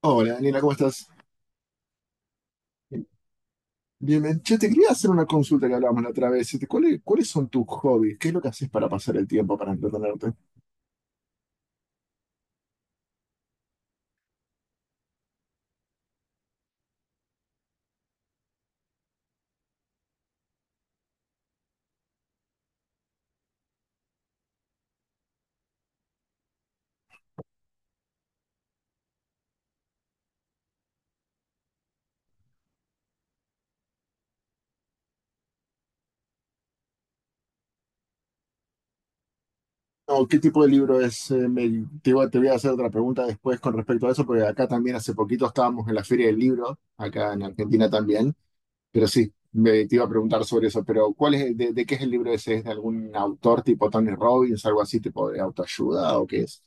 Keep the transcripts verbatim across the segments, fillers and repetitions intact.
Hola, Daniela, ¿cómo estás? Bien, bien. Che, te quería hacer una consulta que hablábamos la otra vez. Este, ¿cuál ¿cuáles son tus hobbies? ¿Qué es lo que haces para pasar el tiempo, para entretenerte? No, ¿qué tipo de libro es? Eh, me- te, voy a te voy a hacer otra pregunta después con respecto a eso, porque acá también hace poquito estábamos en la Feria del Libro, acá en Argentina también. Pero sí, me, te iba a preguntar sobre eso. Pero ¿cuál es, de, de qué es el libro ese? ¿Es de algún autor tipo Tony Robbins, algo así, tipo de autoayuda o qué es?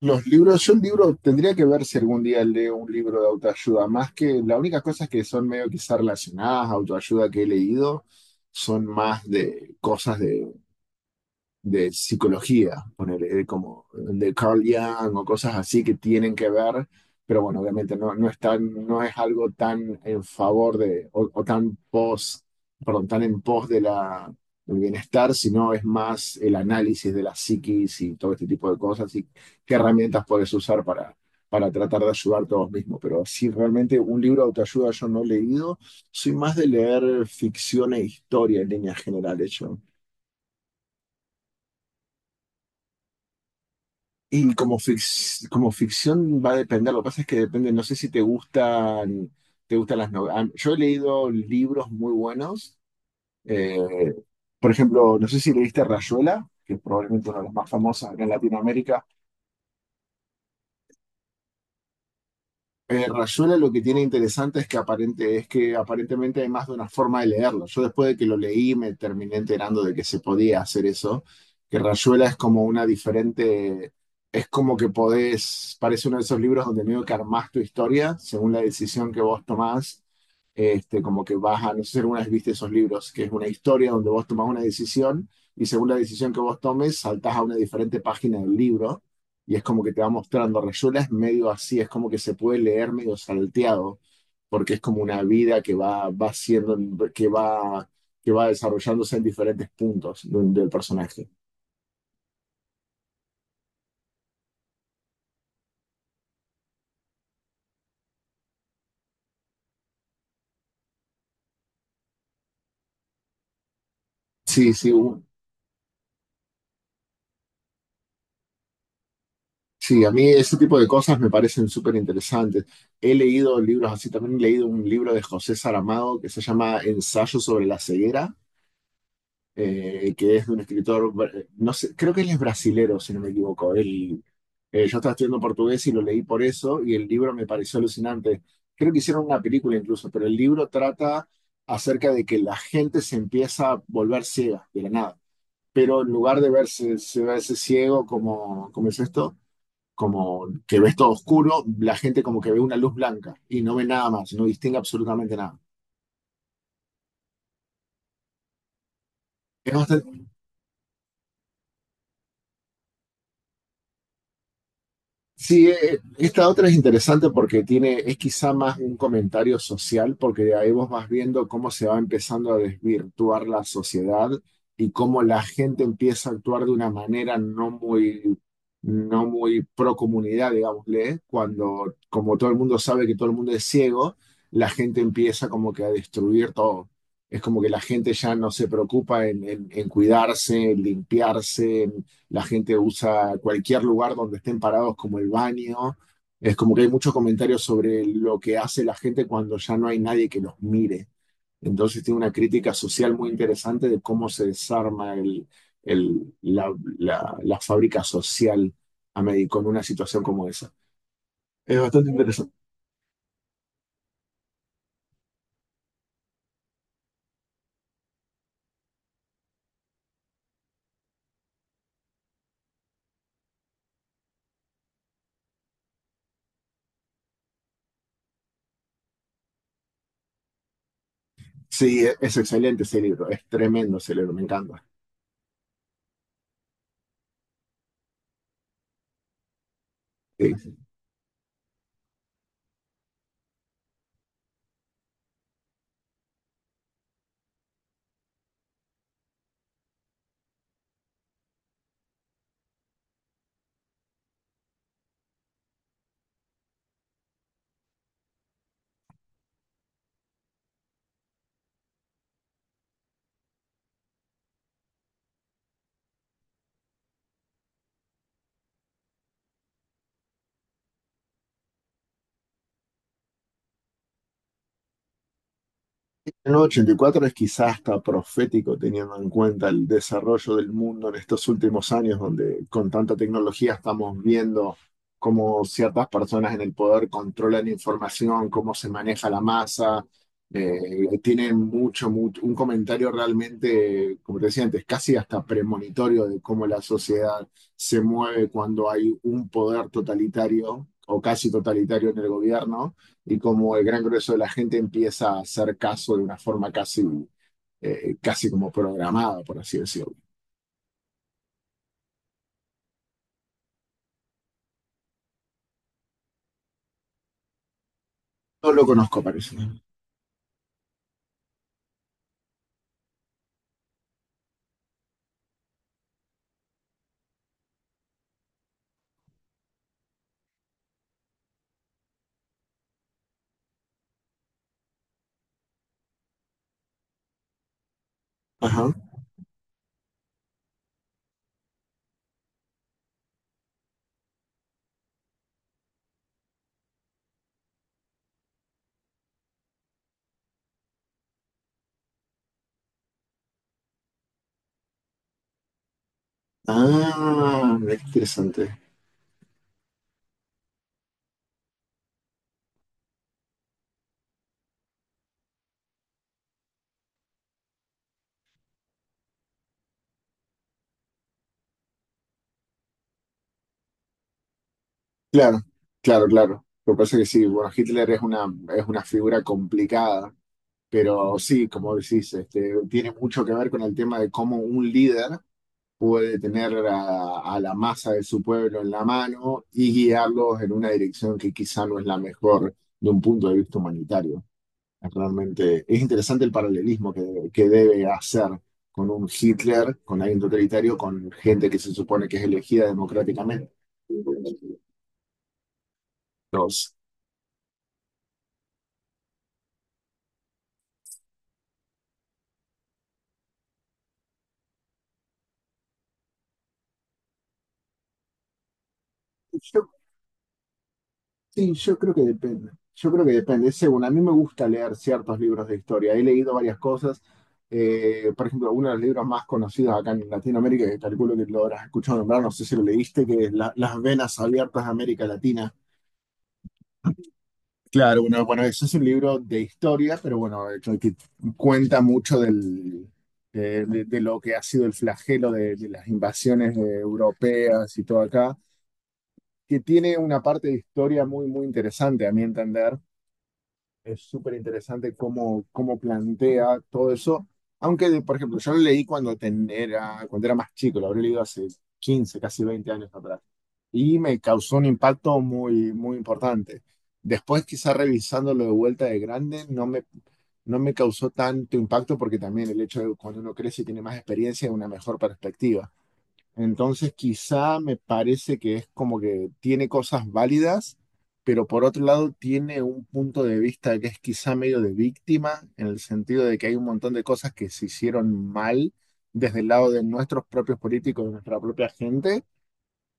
Los libros, yo un libro, tendría que ver si algún día leo un libro de autoayuda, más que la única cosa que son medio quizás relacionadas, autoayuda que he leído, son más de cosas de psicología, poner como de Carl Jung o cosas así que tienen que ver, pero bueno, obviamente no, no es tan- no es algo tan en favor de, o, o tan pos, perdón, tan en pos de la, del bienestar, sino es más el análisis de la psiquis y todo este tipo de cosas y qué herramientas puedes usar para, para tratar de ayudarte a vos mismo. Pero sí, realmente un libro de autoayuda yo no he leído, soy más de leer ficción e historia en líneas generales. Yo Y como, fic- como ficción va a depender, lo que pasa es que depende, no sé si te gustan, te gustan las novelas. Yo he leído libros muy buenos, eh, por ejemplo, no sé si leíste Rayuela, que es probablemente uno de los más famosos acá en Latinoamérica. Eh, Rayuela lo que tiene interesante es que, aparente, es que aparentemente hay más de una forma de leerlo. Yo después de que lo leí me terminé enterando de que se podía hacer eso, que Rayuela es como una diferente, es como que podés, parece uno de esos libros donde medio que armás tu historia según la decisión que vos tomás. Este, como que vas a, no sé si alguna vez viste esos libros, que es una historia donde vos tomás una decisión y según la decisión que vos tomes saltás a una diferente página del libro y es como que te va mostrando. Rayuela es medio así, es como que se puede leer medio salteado, porque es como una vida que va, va siendo, que va, que va desarrollándose en diferentes puntos de- del personaje. Sí, sí, u- sí, a mí ese tipo de cosas me parecen súper interesantes. He leído libros así, también he leído un libro de José Saramago que se llama Ensayo sobre la ceguera. Eh, que es de un escritor, bra- no sé, creo que él es brasilero, si no me equivoco. Él, eh, yo estaba estudiando portugués y lo leí por eso, y el libro me pareció alucinante. Creo que hicieron una película incluso, pero el libro trata acerca de que la gente se empieza a volver ciega de la nada. Pero en lugar de verse, se verse ciego, como, ¿cómo es esto? Como que ves todo oscuro, la gente como que ve una luz blanca y no ve nada más, no distingue absolutamente nada. Es Sí, eh, eh, esta otra es interesante porque tiene, es quizá más un comentario social, porque ahí vos vas viendo cómo se va empezando a desvirtuar la sociedad y cómo la gente empieza a actuar de una manera no muy, no muy pro comunidad, digámosle, cuando como todo el mundo sabe que todo el mundo es ciego, la gente empieza como que a destruir todo. Es como que la gente ya no se preocupa en, en- en cuidarse, en limpiarse, la gente usa cualquier lugar donde estén parados como el baño. Es como que hay muchos comentarios sobre lo que hace la gente cuando ya no hay nadie que los mire. Entonces tiene una crítica social muy interesante de cómo se desarma el, el- la, la- la fábrica social a medi- con una situación como esa. Es bastante interesante. Sí, es, es excelente ese libro, es tremendo ese libro, me encanta. Sí. En El ochenta y cuatro es quizás hasta profético teniendo en cuenta el desarrollo del mundo en estos últimos años, donde con tanta tecnología estamos viendo cómo ciertas personas en el poder controlan información, cómo se maneja la masa. Eh, tienen mucho, mucho, un comentario realmente, como te decía antes, casi hasta premonitorio de cómo la sociedad se mueve cuando hay un poder totalitario o casi totalitario en el gobierno y como el gran grueso de la gente empieza a hacer caso de una forma casi, eh, casi como programada, por así decirlo. No lo conozco, parece. Ajá. Ah, mira qué interesante. Claro, claro, claro. Lo que pasa es que sí, bueno, Hitler es una, es una figura complicada, pero sí, como decís, este, tiene mucho que ver con el tema de cómo un líder puede tener a, a la masa de su pueblo en la mano y guiarlos en una dirección que quizá no es la mejor de un punto de vista humanitario. Realmente es interesante el paralelismo que, que debe hacer con un Hitler, con alguien totalitario, con gente que se supone que es elegida democráticamente. Dos. Yo, sí, yo creo que depende. Yo creo que depende. Es según, a mí me gusta leer ciertos libros de historia. He leído varias cosas. Eh, por ejemplo, uno de los libros más conocidos acá en Latinoamérica, que calculo que lo habrás escuchado nombrar, no sé si lo leíste, que es La- Las venas abiertas de América Latina. Claro, bueno, bueno, eso es un libro de historia, pero bueno, eh, que, que cuenta mucho del, de, de- de lo que ha sido el flagelo de, de las invasiones eh, europeas y todo acá, que tiene una parte de historia muy, muy interesante, a mi entender, es súper interesante cómo, cómo plantea todo eso. Aunque, de- por ejemplo, yo lo leí cuando, ten- era, cuando era más chico, lo habré leído hace quince casi veinte años atrás. Y me causó un impacto muy, muy importante. Después, quizá revisándolo de vuelta de grande, no me, no me causó tanto impacto porque también el hecho de cuando uno crece y tiene más experiencia, una mejor perspectiva. Entonces, quizá me parece que es como que tiene cosas válidas, pero por otro lado tiene un punto de vista que es quizá medio de víctima, en el sentido de que hay un montón de cosas que se hicieron mal desde el lado de nuestros propios políticos, de nuestra propia gente,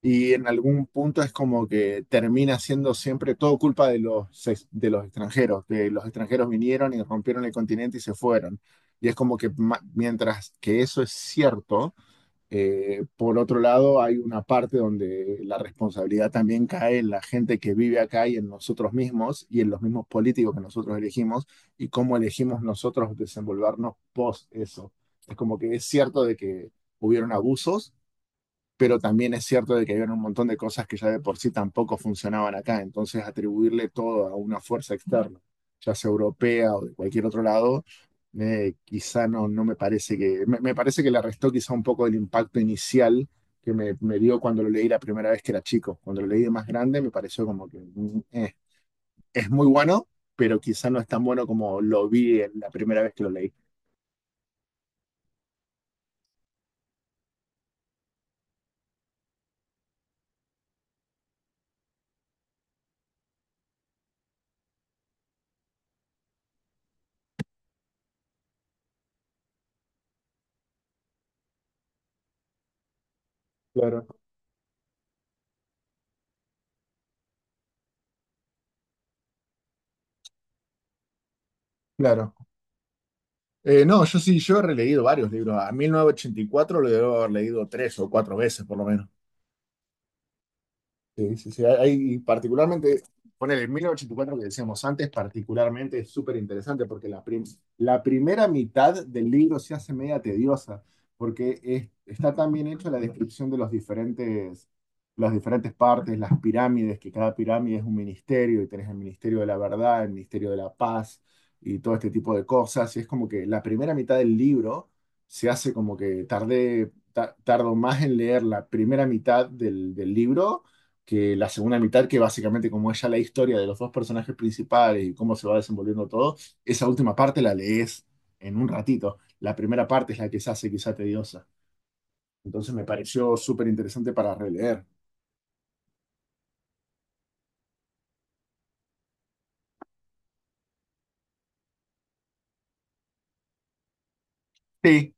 y en algún punto es como que termina siendo siempre todo culpa de los, ex- de los extranjeros, que los extranjeros vinieron y rompieron el continente y se fueron. Y es como que ma- mientras que eso es cierto, eh, por otro lado, hay una parte donde la responsabilidad también cae en la gente que vive acá y en nosotros mismos y en los mismos políticos que nosotros elegimos y cómo elegimos nosotros desenvolvernos post eso. Es como que es cierto de que hubieron abusos, pero también es cierto de que había un montón de cosas que ya de por sí tampoco funcionaban acá, entonces atribuirle todo a una fuerza externa, ya sea europea o de cualquier otro lado, eh, quizá no, no me parece que, me, me parece que le restó quizá un poco el impacto inicial que me, me dio cuando lo leí la primera vez que era chico, cuando lo leí de más grande me pareció como que mm, eh, es muy bueno, pero quizá no es tan bueno como lo vi en la primera vez que lo leí. Claro, claro. Eh, no, yo sí, yo he releído varios libros. A mil novecientos ochenta y cuatro lo debo haber leído tres o cuatro veces, por lo menos. Sí, sí, sí. Hay, particularmente, poner el mil novecientos ochenta y cuatro que decíamos antes, particularmente es súper interesante porque la, prim- la primera mitad del libro se hace media tediosa porque es- está tan bien hecha la descripción de los diferentes, las diferentes partes, las pirámides, que cada pirámide es un ministerio y tenés el Ministerio de la Verdad, el Ministerio de la Paz y todo este tipo de cosas. Y es como que la primera mitad del libro se hace como que tardé, ta- tardo más en leer la primera mitad del del libro que la segunda mitad, que básicamente como es ya la historia de los dos personajes principales y cómo se va desenvolviendo todo, esa última parte la lees en un ratito. La primera parte es la que se hace quizá tediosa. Entonces me pareció súper interesante para releer. Sí,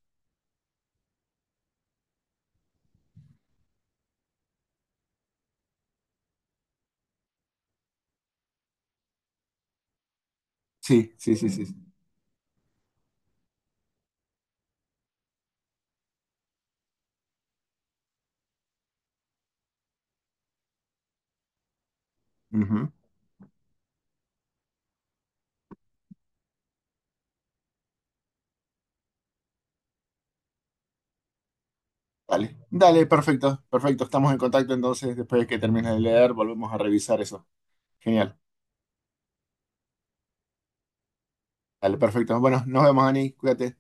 sí, sí, sí, sí. Sí. Ujú. Dale, dale, perfecto, perfecto. Estamos en contacto entonces, después de que termines de leer, volvemos a revisar eso. Genial. Dale, perfecto. Bueno, nos vemos, Ani. Cuídate.